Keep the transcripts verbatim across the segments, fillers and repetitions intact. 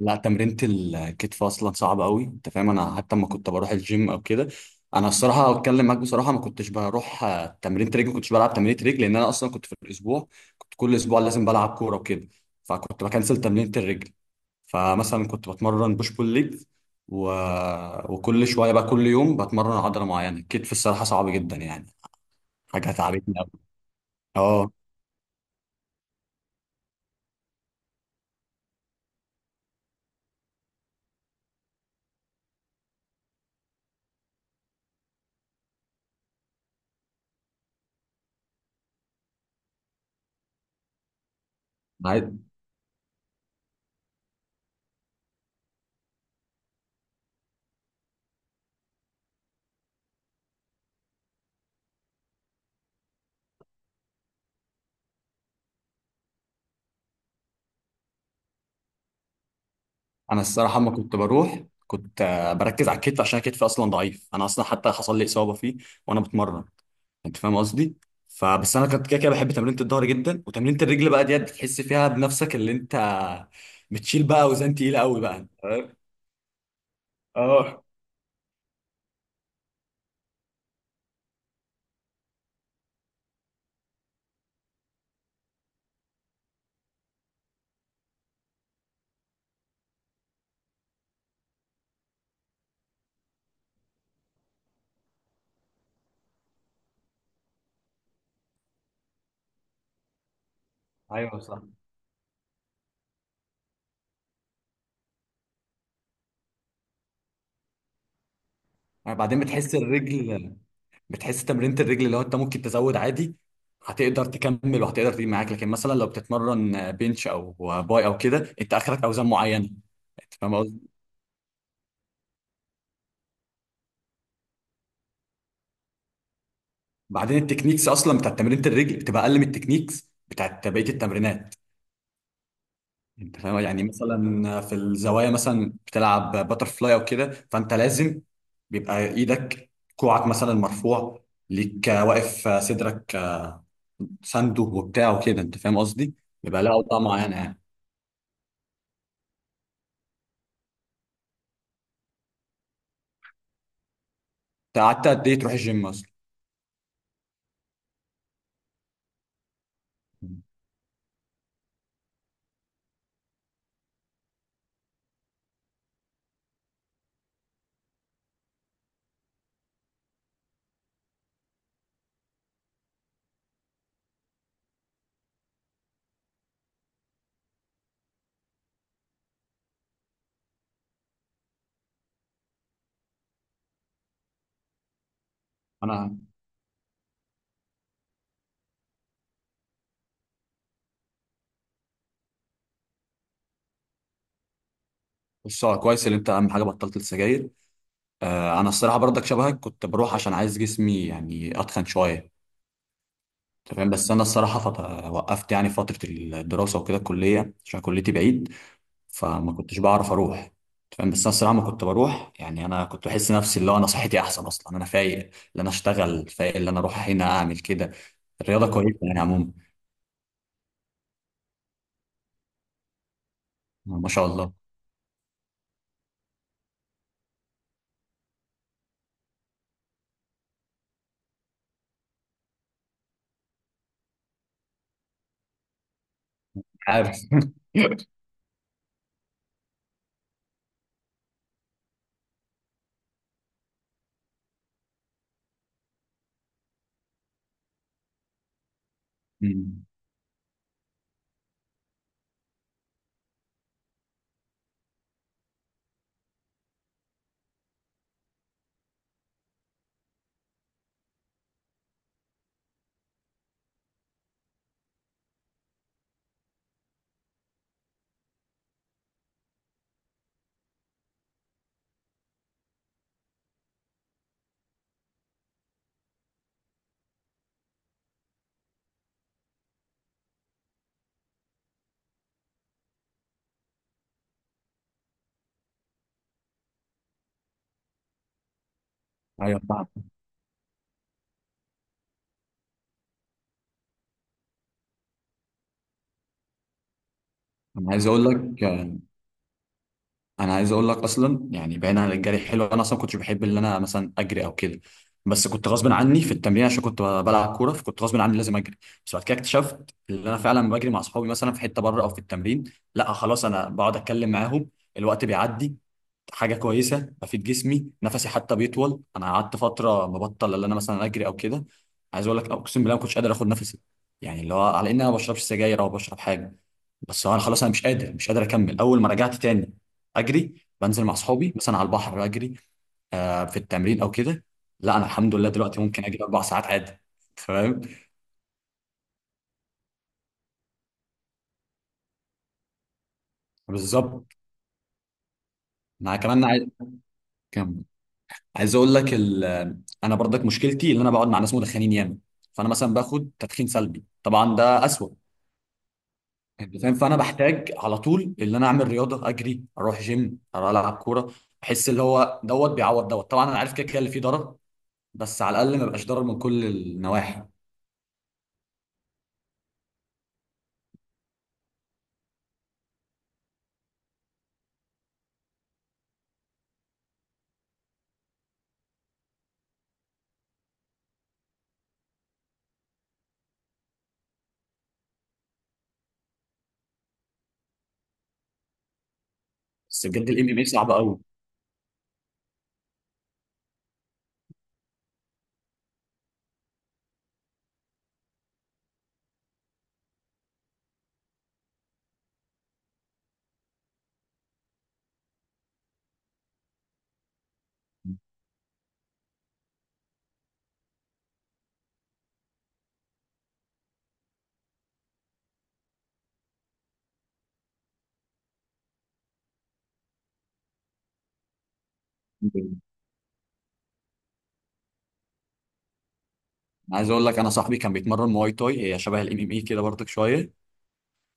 لا، تمرينة الكتف اصلا صعبة قوي، انت فاهم. انا حتى لما كنت بروح الجيم او كده، انا الصراحة اتكلم معاك بصراحة، ما كنتش بروح آه، تمرينة رجل. ما كنتش بلعب تمرينة رجل لان انا اصلا كنت في الاسبوع، كنت كل اسبوع لازم بلعب كورة وكده، فكنت بكنسل تمرينة الرجل. فمثلا كنت بتمرن بوش بول ليج و... وكل شوية بقى كل يوم بتمرن عضلة معينة. الكتف الصراحة صعب جدا يعني، حاجة تعبتني قوي. اه، انا الصراحه اما كنت بروح كنت آه، بركز على الكتف عشان كتفي اصلا ضعيف. انا اصلا حتى حصل لي اصابه فيه وانا بتمرن، انت فاهم قصدي. فبس انا كنت كده كده بحب تمرينة الظهر جدا، وتمرينة الرجل بقى ديت بتحس فيها بنفسك اللي انت بتشيل بقى اوزان تقيله قوي بقى، انت فاهم. اه. ايوه، صح. بعدين بتحس الرجل، بتحس تمرينة الرجل اللي هو انت ممكن تزود عادي، هتقدر تكمل وهتقدر تيجي معاك. لكن مثلا لو بتتمرن بنش او باي او كده، انت اخرك اوزان معينه. انت فاهم، بعدين التكنيكس اصلا بتاعت تمرينة الرجل بتبقى اقل من التكنيكس بتاعت بقية التمرينات. انت فاهم، يعني مثلا في الزوايا مثلا بتلعب باتر فلاي او كده، فانت لازم بيبقى ايدك كوعك مثلا مرفوع ليك، واقف صدرك ساندو وبتاع وكده. انت فاهم قصدي؟ بيبقى لها اوضاع معينة يعني. انت قعدت قد ايه تروح الجيم اصلا؟ انا، بص هو كويس ان انت اهم حاجه بطلت السجاير. آه، انا الصراحه برضك شبهك كنت بروح عشان عايز جسمي يعني اتخن شويه. أنت فاهم بس انا الصراحه فط... وقفت يعني فتره الدراسه وكده الكليه عشان كليتي بعيد، فما كنتش بعرف اروح. أنت فاهم بس انا الصراحه ما كنت بروح يعني. انا كنت بحس نفسي اللي هو انا صحتي احسن اصلا، انا فايق اللي انا اشتغل، فايق اللي انا اروح هنا اعمل كده. الرياضه كويسه يعني عموما. ما شاء الله. عارف أمم. ايوه، فعلا. انا عايز اقول لك، انا عايز اقول لك اصلا يعني بعيدا عن الجري حلو، انا اصلا كنتش بحب ان انا مثلا اجري او كده، بس كنت غصب عني في التمرين عشان كنت بلعب كوره، فكنت غصب عني لازم اجري. بس بعد كده اكتشفت ان انا فعلا بجري مع اصحابي مثلا في حته بره او في التمرين. لا خلاص، انا بقعد اتكلم معاهم، الوقت بيعدي، حاجه كويسه بفيد جسمي نفسي حتى بيطول. انا قعدت فتره مبطل ان انا مثلا اجري او كده، عايز اقول لك اقسم بالله ما كنتش قادر اخد نفسي. يعني اللي هو على ان انا ما بشربش سجاير او بشرب حاجه، بس انا خلاص انا مش قادر، مش قادر اكمل. اول ما رجعت تاني اجري، بنزل مع اصحابي مثلا على البحر اجري، آه في التمرين او كده. لا انا الحمد لله دلوقتي ممكن اجري اربع ساعات عادي. فاهم. بالظبط. مع كمان عايز، كم عايز اقول لك ال... انا برضك مشكلتي ان انا بقعد مع ناس مدخنين ياما، فانا مثلا باخد تدخين سلبي، طبعا ده اسوأ. انت فاهم، فانا بحتاج على طول ان انا اعمل رياضه، اجري، اروح جيم، اروح العب كوره. بحس اللي هو دوت بيعوض دوت، طبعا انا عارف كده كده اللي فيه ضرر، بس على الاقل ما بقاش ضرر من كل النواحي. بس بجد الام ام اي صعب قوي. انا عايز اقول لك، انا صاحبي كان بيتمرن مواي تاي، هي شبه الام ام اي كده برضك شويه،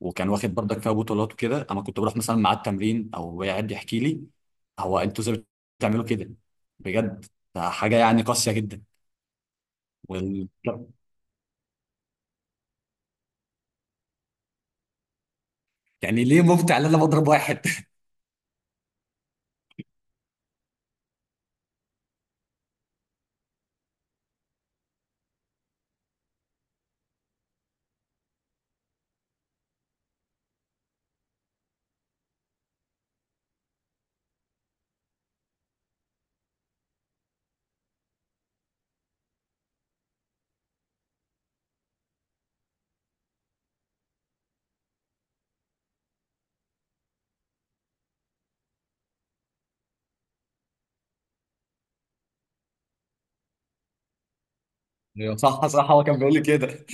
وكان واخد برضك فيها بطولات وكده. انا كنت بروح مثلا معاه التمرين او قاعد يحكي لي، هو انتوا ازاي بتعملوا كده؟ بجد ده حاجه يعني قاسيه جدا. وال... يعني ليه ممتع ان انا بضرب واحد؟ أيوة، صح، صح. هو كان بيقول لي كده.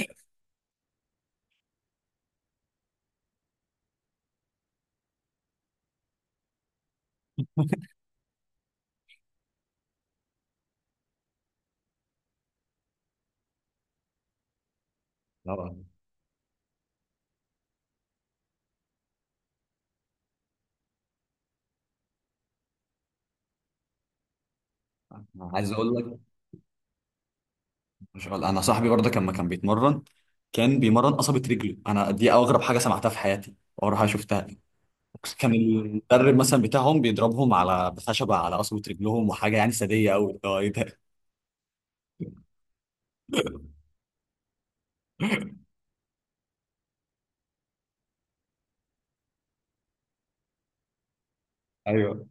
طبعاً. عايز اقول لك، مش غلط. انا صاحبي برضه كان- لما كان بيتمرن، كان بيمرن قصبة رجله. انا دي اغرب حاجة سمعتها في حياتي واغرب حاجة شفتها. كان المدرب مثلا بتاعهم بيضربهم على بخشبة على قصبة رجلهم، وحاجة يعني سادية قوي، اللي هو ايه ده! ايوه.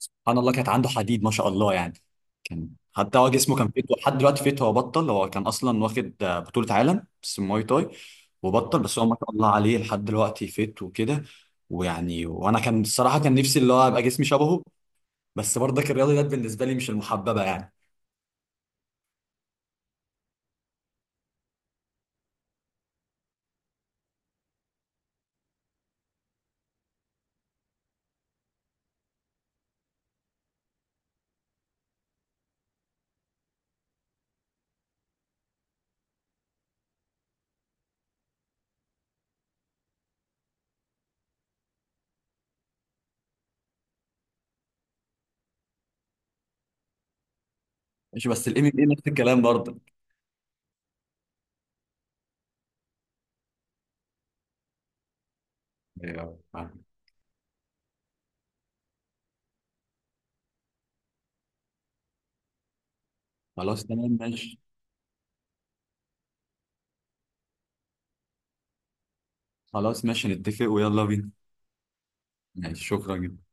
سبحان الله، كانت عنده حديد ما شاء الله يعني. كان حتى هو جسمه كان فيت لحد دلوقتي فيت، هو بطل. هو كان اصلا واخد آه، بطولة عالم بس مواي تاي، وبطل. بس هو ما شاء الله عليه لحد دلوقتي فيت وكده. ويعني وانا كان الصراحة كان نفسي اللي هو ابقى جسمي شبهه. بس برضك الرياضيات بالنسبه لي مش المحببه يعني. ماشي، بس الام ام اي نفس الكلام برضك. أيوة، يعني. خلاص تمام ماشي، خلاص ماشي، نتفق ويلا بينا. ماشي، شكرا جدا.